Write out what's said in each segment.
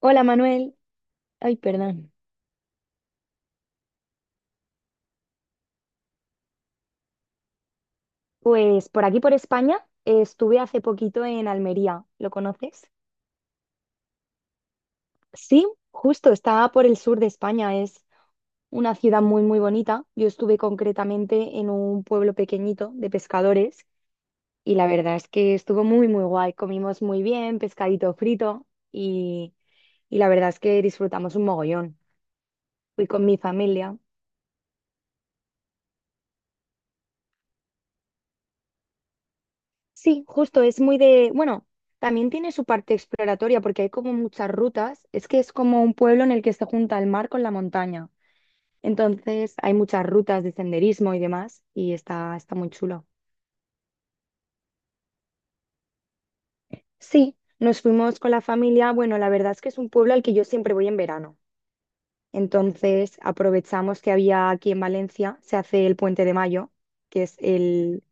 Hola Manuel, ay perdón. Pues por aquí por España estuve hace poquito en Almería, ¿lo conoces? Sí, justo, está por el sur de España, es una ciudad muy muy bonita. Yo estuve concretamente en un pueblo pequeñito de pescadores y la verdad es que estuvo muy muy guay, comimos muy bien, pescadito frito y, y la verdad es que disfrutamos un mogollón. Fui con mi familia. Sí, justo, es muy de, bueno, también tiene su parte exploratoria porque hay como muchas rutas, es que es como un pueblo en el que se junta el mar con la montaña, entonces hay muchas rutas de senderismo y demás y está muy chulo. Sí, nos fuimos con la familia, bueno, la verdad es que es un pueblo al que yo siempre voy en verano, entonces aprovechamos que había aquí en Valencia, se hace el Puente de Mayo, que es el,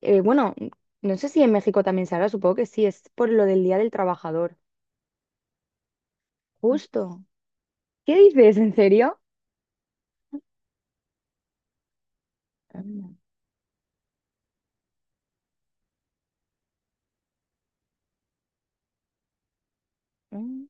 bueno, no sé si en México también se hará, supongo que sí, es por lo del Día del Trabajador, justo. ¿Qué dices? ¿En serio? Anda, mm.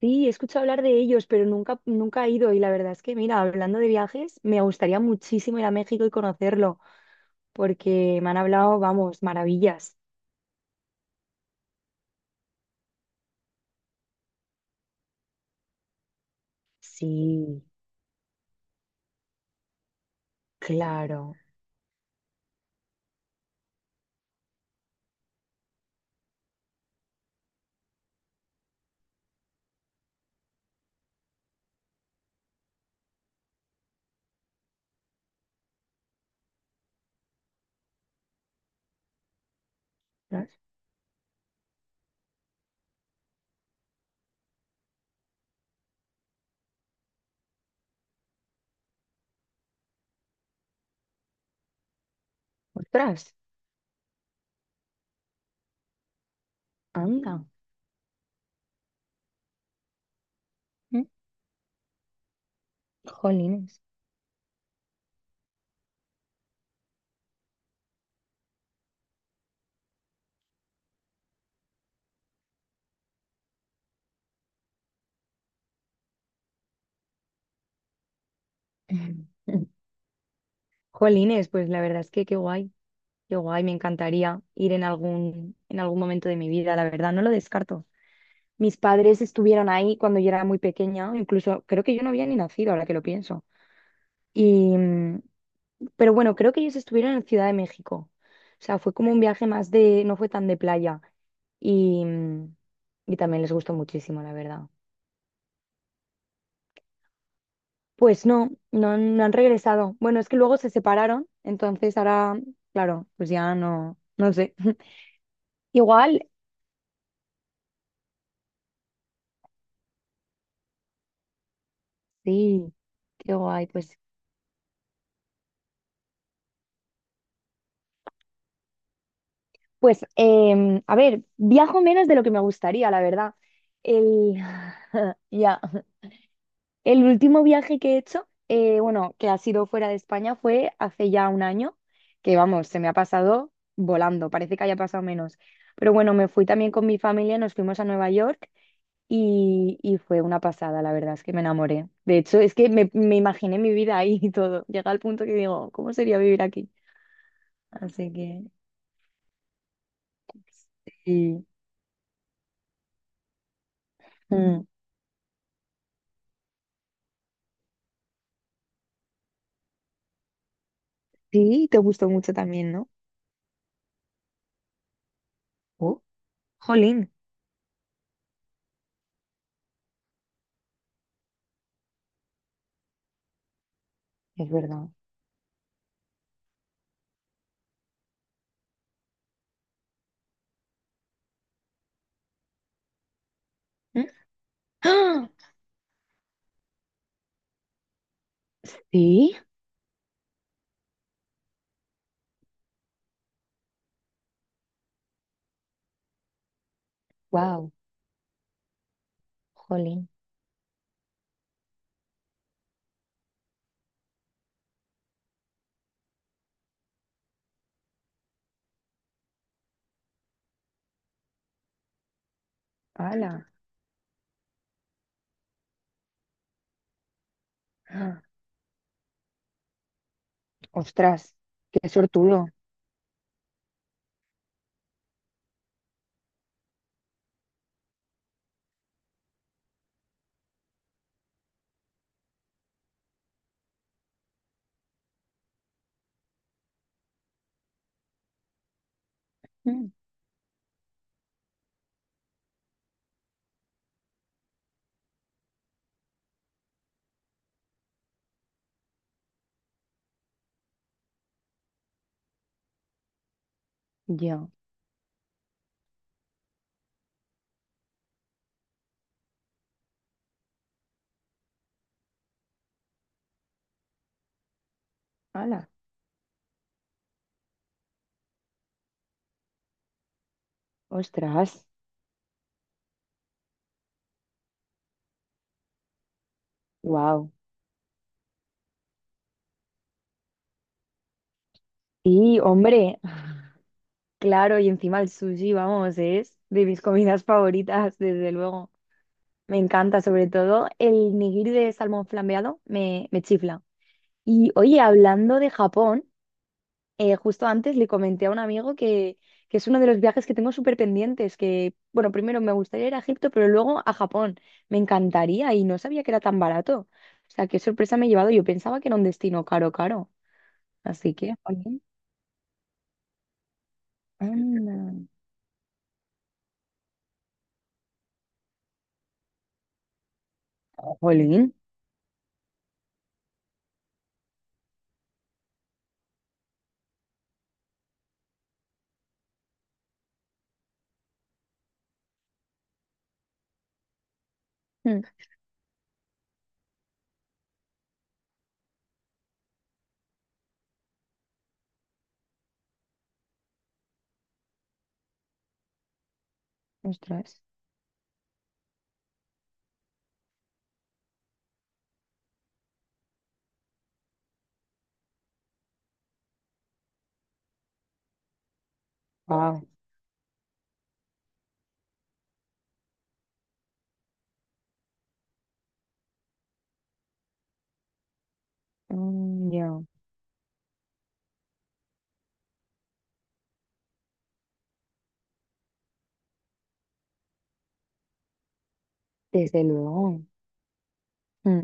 Sí, he escuchado hablar de ellos, pero nunca, nunca he ido. Y la verdad es que, mira, hablando de viajes, me gustaría muchísimo ir a México y conocerlo, porque me han hablado, vamos, maravillas. Sí, claro. ¿No? Ostras, anda. Mm, jolines. Jolines, pues la verdad es que qué guay, me encantaría ir en algún momento de mi vida, la verdad, no lo descarto. Mis padres estuvieron ahí cuando yo era muy pequeña, incluso creo que yo no había ni nacido, ahora que lo pienso. Y, mm, pero bueno, creo que ellos estuvieron en Ciudad de México. O sea, fue como un viaje más de, no fue tan de playa. Y, mm, y también les gustó muchísimo, la verdad. Pues no, no, han no han regresado. Bueno, es que luego se separaron, entonces ahora, claro, pues ya no, no sé. Igual, sí, qué guay, pues pues, a ver, viajo menos de lo que me gustaría, la verdad. El, ya, el último viaje que he hecho, bueno, que ha sido fuera de España, fue hace ya un año, que vamos, se me ha pasado volando, parece que haya pasado menos. Pero bueno, me fui también con mi familia, nos fuimos a Nueva York y fue una pasada, la verdad, es que me enamoré. De hecho, es que me imaginé mi vida ahí y todo. Llega al punto que digo, ¿cómo sería vivir aquí? Así que... sí. Mm. Sí, te gustó mucho también, ¿no? Oh, jolín, es verdad. ¿Mm? ¡Ah! Sí, wow, jolín. Ala. ¡Ah! Ostras, qué sortudo. Mm, ya, ala. Ostras, wow. Y hombre, ah, claro, y encima el sushi, vamos, es de mis comidas favoritas, desde luego. Me encanta, sobre todo el nigiri de salmón flambeado, me chifla. Y oye, hablando de Japón. Justo antes le comenté a un amigo que es uno de los viajes que tengo súper pendientes, que, bueno, primero me gustaría ir a Egipto, pero luego a Japón. Me encantaría y no sabía que era tan barato. O sea, qué sorpresa me he llevado. Yo pensaba que era un destino caro, caro. Así que, jolín, anda. Jolín. Mm, ostras. Wow. Ya. Desde luego. Mm.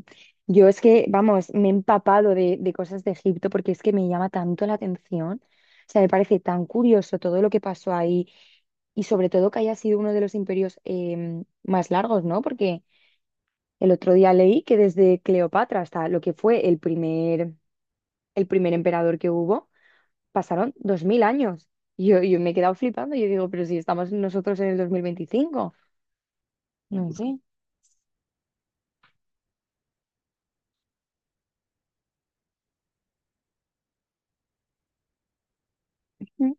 Yo es que, vamos, me he empapado de cosas de Egipto porque es que me llama tanto la atención. O sea, me parece tan curioso todo lo que pasó ahí y sobre todo que haya sido uno de los imperios más largos, ¿no? Porque el otro día leí que desde Cleopatra hasta lo que fue el primer emperador que hubo, pasaron 2.000 años. Y yo me he quedado flipando, yo digo, pero si estamos nosotros en el 2025. No sé. Mm.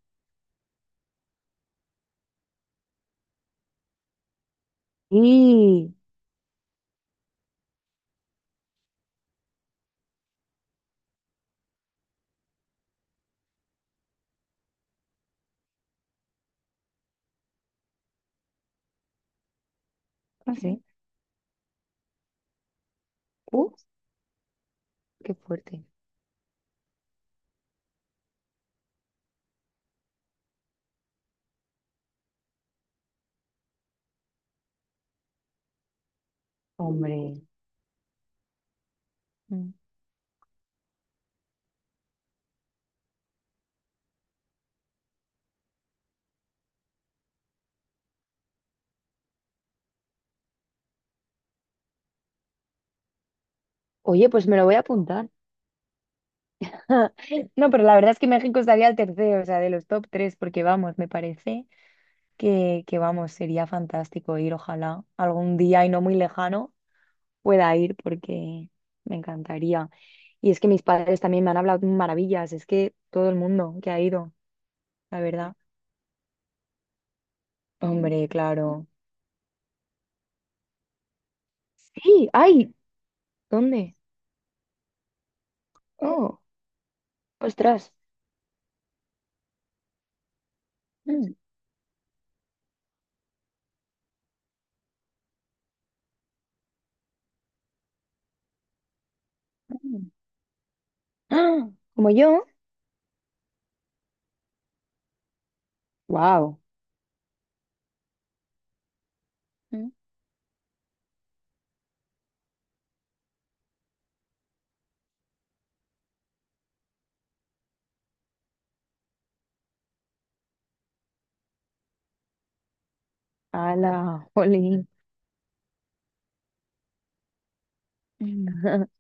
Y, no sé, uh, qué fuerte. Hombre, mm. Oye, pues me lo voy a apuntar. No, pero la verdad es que México estaría al tercero, o sea, de los top tres, porque vamos, me parece. Que vamos, sería fantástico ir, ojalá algún día y no muy lejano pueda ir porque me encantaría. Y es que mis padres también me han hablado maravillas, es que todo el mundo que ha ido, la verdad. Hombre, claro. Sí, ay, ¿dónde? Oh, ostras. Mm, mm. Ah, como yo. Wow. ¡Hala! ¡Jolín!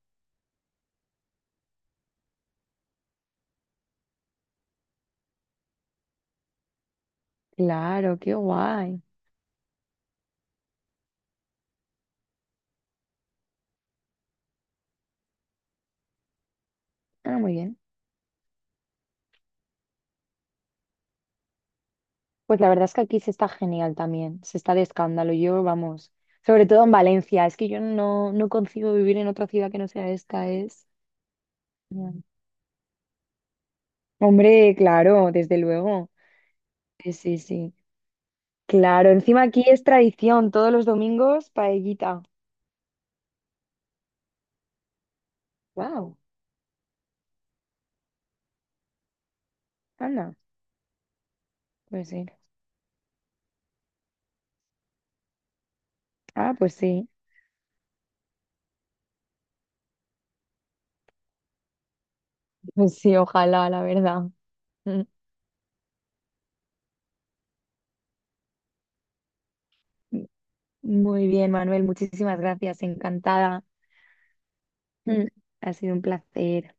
Claro, qué guay. Ah, muy bien. Pues la verdad es que aquí se está genial también, se está de escándalo. Yo, vamos, sobre todo en Valencia, es que yo no, no concibo vivir en otra ciudad que no sea esta, es... Ya. Hombre, claro, desde luego. Sí, sí, sí. Claro, encima aquí es tradición, todos los domingos paellita. Wow, anda, pues sí. Ah, pues sí, ojalá, la verdad. Mm. Muy bien, Manuel, muchísimas gracias, encantada. Mm. Ha sido un placer.